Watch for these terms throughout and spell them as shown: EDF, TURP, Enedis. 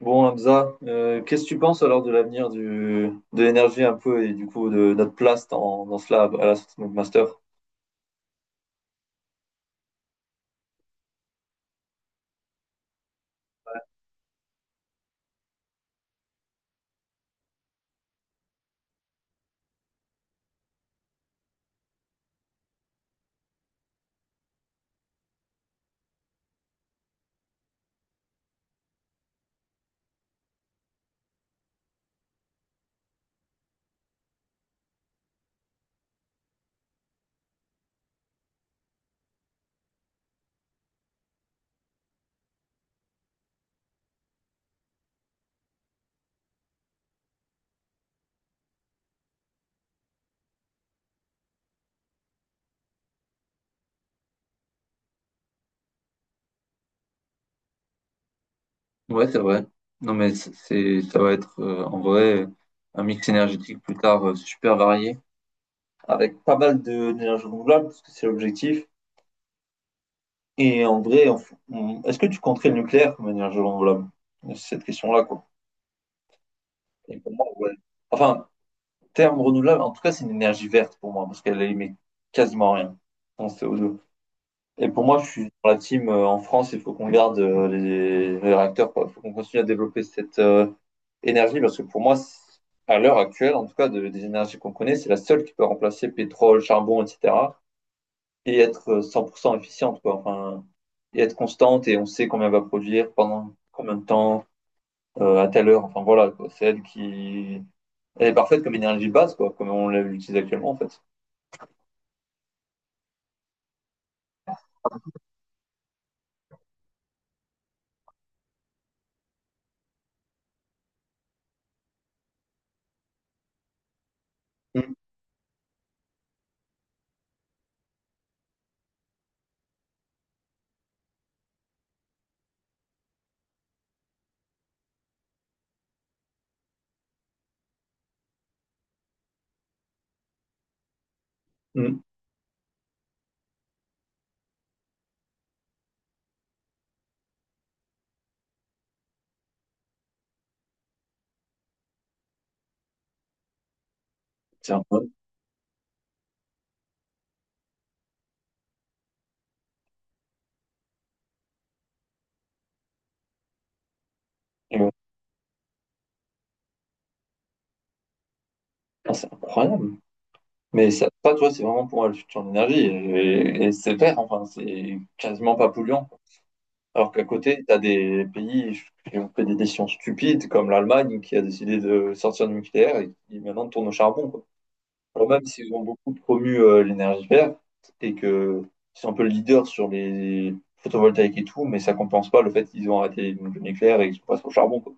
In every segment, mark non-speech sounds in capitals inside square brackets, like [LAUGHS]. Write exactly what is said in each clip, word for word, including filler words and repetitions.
Bon, Hamza, euh, qu'est-ce que tu penses alors de l'avenir du, de l'énergie un peu et du coup de notre place dans, dans cela à la sortie de notre master? Ouais, c'est vrai. Non, mais c'est, c'est- ça va être euh, en vrai un mix énergétique plus tard euh, super varié. Avec pas mal de- d'énergie renouvelable, parce que c'est l'objectif. Et en vrai, on on- est-ce que tu compterais le nucléaire comme énergie renouvelable? C'est cette question-là, quoi. Et pour moi, ouais. Enfin, terme renouvelable, en tout cas, c'est une énergie verte pour moi, parce qu'elle émet quasiment rien en C O deux. Et pour moi, je suis dans la team, euh, en France, il faut qu'on garde, euh, les, les réacteurs, quoi. Il faut qu'on continue à développer cette euh, énergie, parce que pour moi, c- à l'heure actuelle, en tout cas, de- des énergies qu'on connaît, c'est la seule qui peut remplacer pétrole, charbon, et cetera et être euh, cent pour cent efficiente, quoi. Enfin, et être constante, et on sait combien elle va produire, pendant combien de temps, euh, à telle heure. Enfin, voilà, quoi. C'est elle qui... Elle est parfaite comme énergie de base, quoi, comme on l'utilise actuellement, en fait. Mm. Mm. C'est incroyable. Et ouais. Ah, c'est incroyable. Mais ça, ça, tu vois, c'est vraiment pour la future d'énergie. Et, et c'est vert, enfin, c'est quasiment pas polluant. Alors qu'à côté, tu as des pays qui ont fait des décisions stupides, comme l'Allemagne, qui a décidé de sortir du nucléaire et qui maintenant tourne au charbon, quoi. Alors même s'ils ont beaucoup promu euh, l'énergie verte et que ils sont un peu leaders sur les photovoltaïques et tout, mais ça compense pas le fait qu'ils ont arrêté le nucléaire et qu'ils passent au charbon, quoi.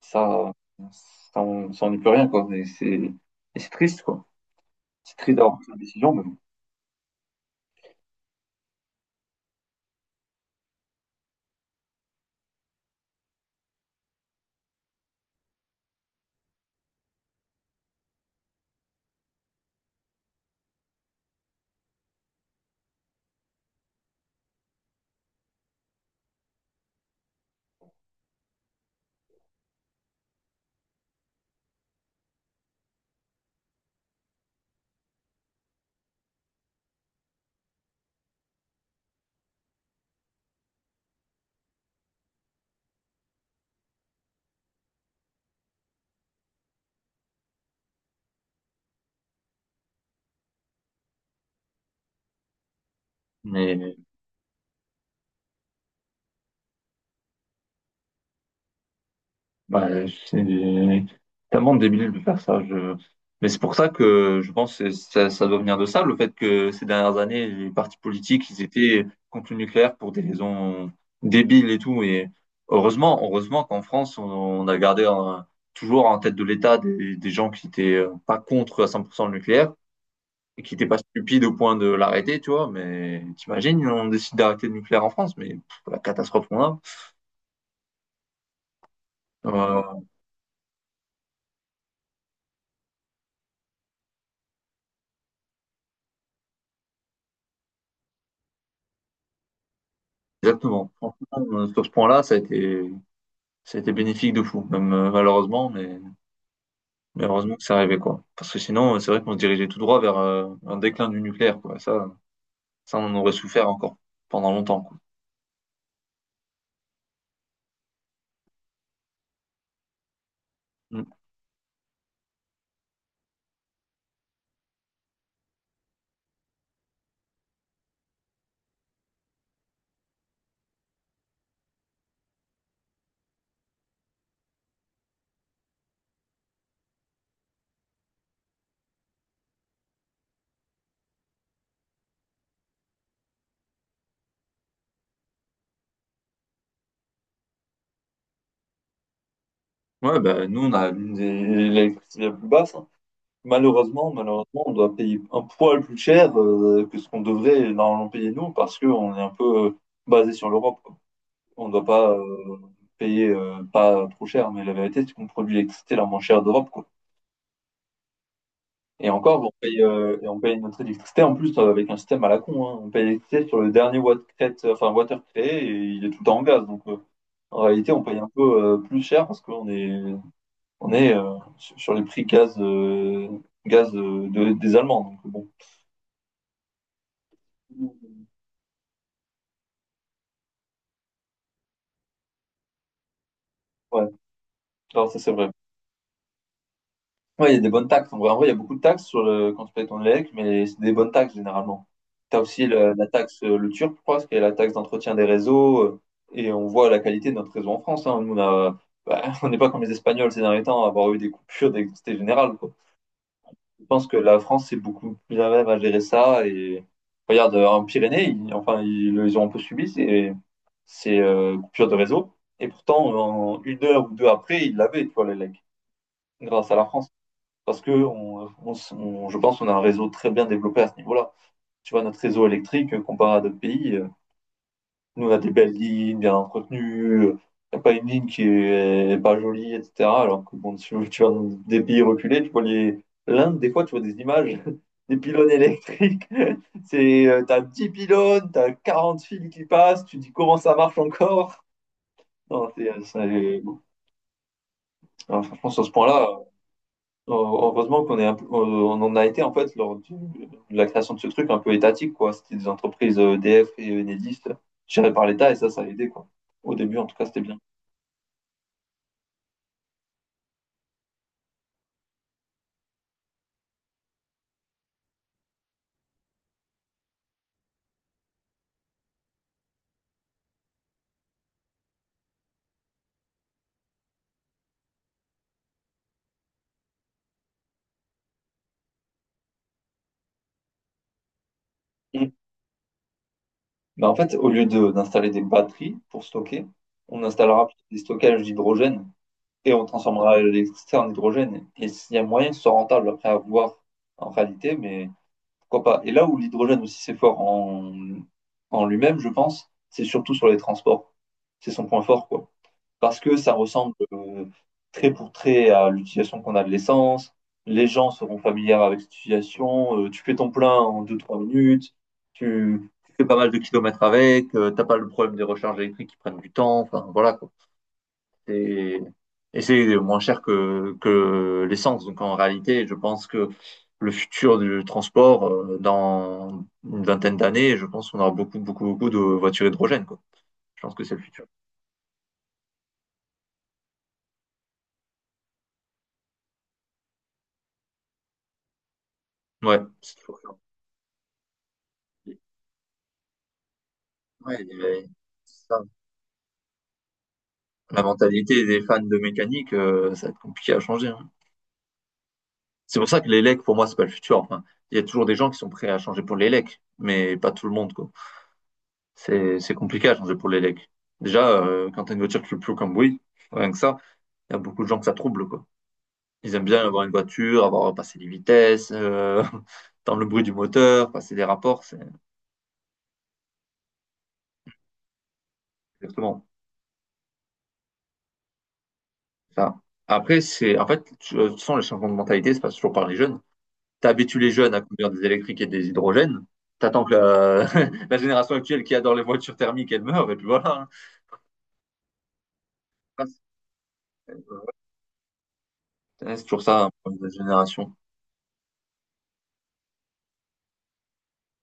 Ça, ça, on, ça, on n'y peut rien, quoi. Et c'est et c'est triste, quoi. C'est triste d'avoir pris cette décision, mais bon. Mais Bah, c'est tellement débile de faire ça. Je... Mais c'est pour ça que je pense que ça, ça doit venir de ça, le fait que ces dernières années, les partis politiques, ils étaient contre le nucléaire pour des raisons débiles et tout. Et heureusement, heureusement qu'en France, on, on a gardé un- toujours en tête de l'État des, des gens qui étaient, euh, pas contre à cent pour cent le nucléaire et qui n'étaient pas stupides au point de l'arrêter, tu vois. Mais t'imagines, on décide d'arrêter le nucléaire en France, mais pff, la catastrophe qu'on a. Euh, Exactement. Franchement, euh, sur ce point-là, ça a été, ça a été bénéfique de fou, même, euh, malheureusement, mais, mais heureusement que ça arrivait, quoi. Parce que sinon, euh, c'est vrai qu'on se dirigeait tout droit vers euh, un déclin du nucléaire, quoi. Ça, ça, on en aurait souffert encore pendant longtemps, quoi. Mm. Ouais, bah, nous, on a l'une des électricités la plus basse, hein. Malheureusement, malheureusement, on doit payer un poil plus cher, euh, que ce qu'on devrait normalement payer nous, parce qu'on est un peu, euh, basé sur l'Europe, quoi. On ne doit pas, euh, payer, euh, pas trop cher, mais la vérité, c'est qu'on produit l'électricité la moins chère d'Europe, quoi. Et encore, on paye, euh, et on paye notre électricité en plus, euh, avec un système à la con, hein. On paye l'électricité sur le dernier watt créé- enfin, water créé et il est tout le temps en gaz. Donc euh, en réalité, on paye un peu, euh, plus cher parce qu'on est, on est, euh, sur sur les prix gaz, euh, gaz euh, de- des Allemands. Donc bon, ouais, alors ça c'est vrai. Ouais, il y a des bonnes taxes. En vrai, en vrai, il y a beaucoup de taxes sur le... quand tu payes ton élec, mais c'est des bonnes taxes généralement. Tu as aussi le- la taxe, euh, le T U R P, je crois, ce qui est la taxe d'entretien des réseaux. euh, Et on voit la qualité de notre réseau en France, hein. Nous, on a- bah, [LAUGHS] on n'est pas comme les Espagnols ces derniers temps à avoir eu des coupures d'électricité générale, quoi. Je pense que la France, c'est beaucoup plus à même à gérer ça. Et regarde, euh, en Pyrénées, ils, enfin, ils, ils ont un peu subi ces, ces euh, coupures de réseau. Et pourtant, en une heure ou deux après, ils l'avaient, tu vois, les l'élec, grâce à la France parce que on, on, on, je pense qu'on a un réseau très bien développé à ce niveau-là. Tu vois, notre réseau électrique, euh, comparé à d'autres pays, euh, nous, on a des belles lignes, bien entretenues, il n'y a pas une ligne qui est pas jolie, et cetera. Alors que, bon, tu, tu vas dans des pays reculés, tu vois les... l'Inde, des fois, tu vois des images [LAUGHS] des pylônes électriques. [LAUGHS] C'est, euh, t'as dix pylônes, t'as quarante fils qui passent, tu dis comment ça marche encore. Non, c'est, euh, c'est- non, franchement, sur ce point-là, heureusement qu'on est un peu- on en a été en fait lors du- de la création de ce truc un peu étatique, quoi. C'était des entreprises, euh, E D F et Enedis, euh, gérées par l'État et ça, ça a aidé, quoi. Au début, en tout cas, c'était bien. Mm. Mais en fait, au lieu de- d'installer des batteries pour stocker, on installera des stockages d'hydrogène et on transformera l'électricité en hydrogène. Et s'il y a moyen que ce soit rentable après à voir en réalité, mais pourquoi pas. Et là où l'hydrogène aussi c'est fort en, en lui-même, je pense, c'est surtout sur les transports. C'est son point fort, quoi. Parce que ça ressemble euh, trait pour trait à l'utilisation qu'on a de l'essence. Les gens seront familiers avec cette utilisation. Euh, tu fais ton plein en deux-trois minutes, tu, tu fais pas mal de kilomètres avec, euh, t'as pas le problème des recharges électriques qui prennent du temps. Enfin, voilà, quoi. C'est- Et c'est moins cher que, que l'essence. Donc en réalité, je pense que le futur du transport, euh, dans une vingtaine d'années, je pense qu'on aura beaucoup, beaucoup, beaucoup de voitures hydrogènes, quoi. Je pense que c'est le futur. Ouais, c'est toujours ça. Ouais, les- ça, la mentalité des fans de mécanique, euh, ça va être compliqué à changer, hein. C'est pour ça que les pour moi, c'est pas le futur. Enfin, il y a toujours des gens qui sont prêts à changer pour les mais pas tout le monde, quoi. C'est, c'est compliqué à changer pour les déjà, euh, quand t'as une voiture qui fait plus aucun bruit, rien que ça, il y a beaucoup de gens que ça trouble, quoi. Ils aiment bien avoir une voiture, avoir passé les vitesses, euh, [LAUGHS] entendre le bruit du moteur, passer des rapports, c'est exactement ça. Après, c'est, en fait, tu- de toute façon, les changements de mentalité se passent toujours par les jeunes. Tu habitues les jeunes à conduire des électriques et des hydrogènes. T'attends que la... [LAUGHS] la génération actuelle qui adore les voitures thermiques, elle meure, et puis voilà, hein. Ouais, c'est toujours ça, hein, la génération.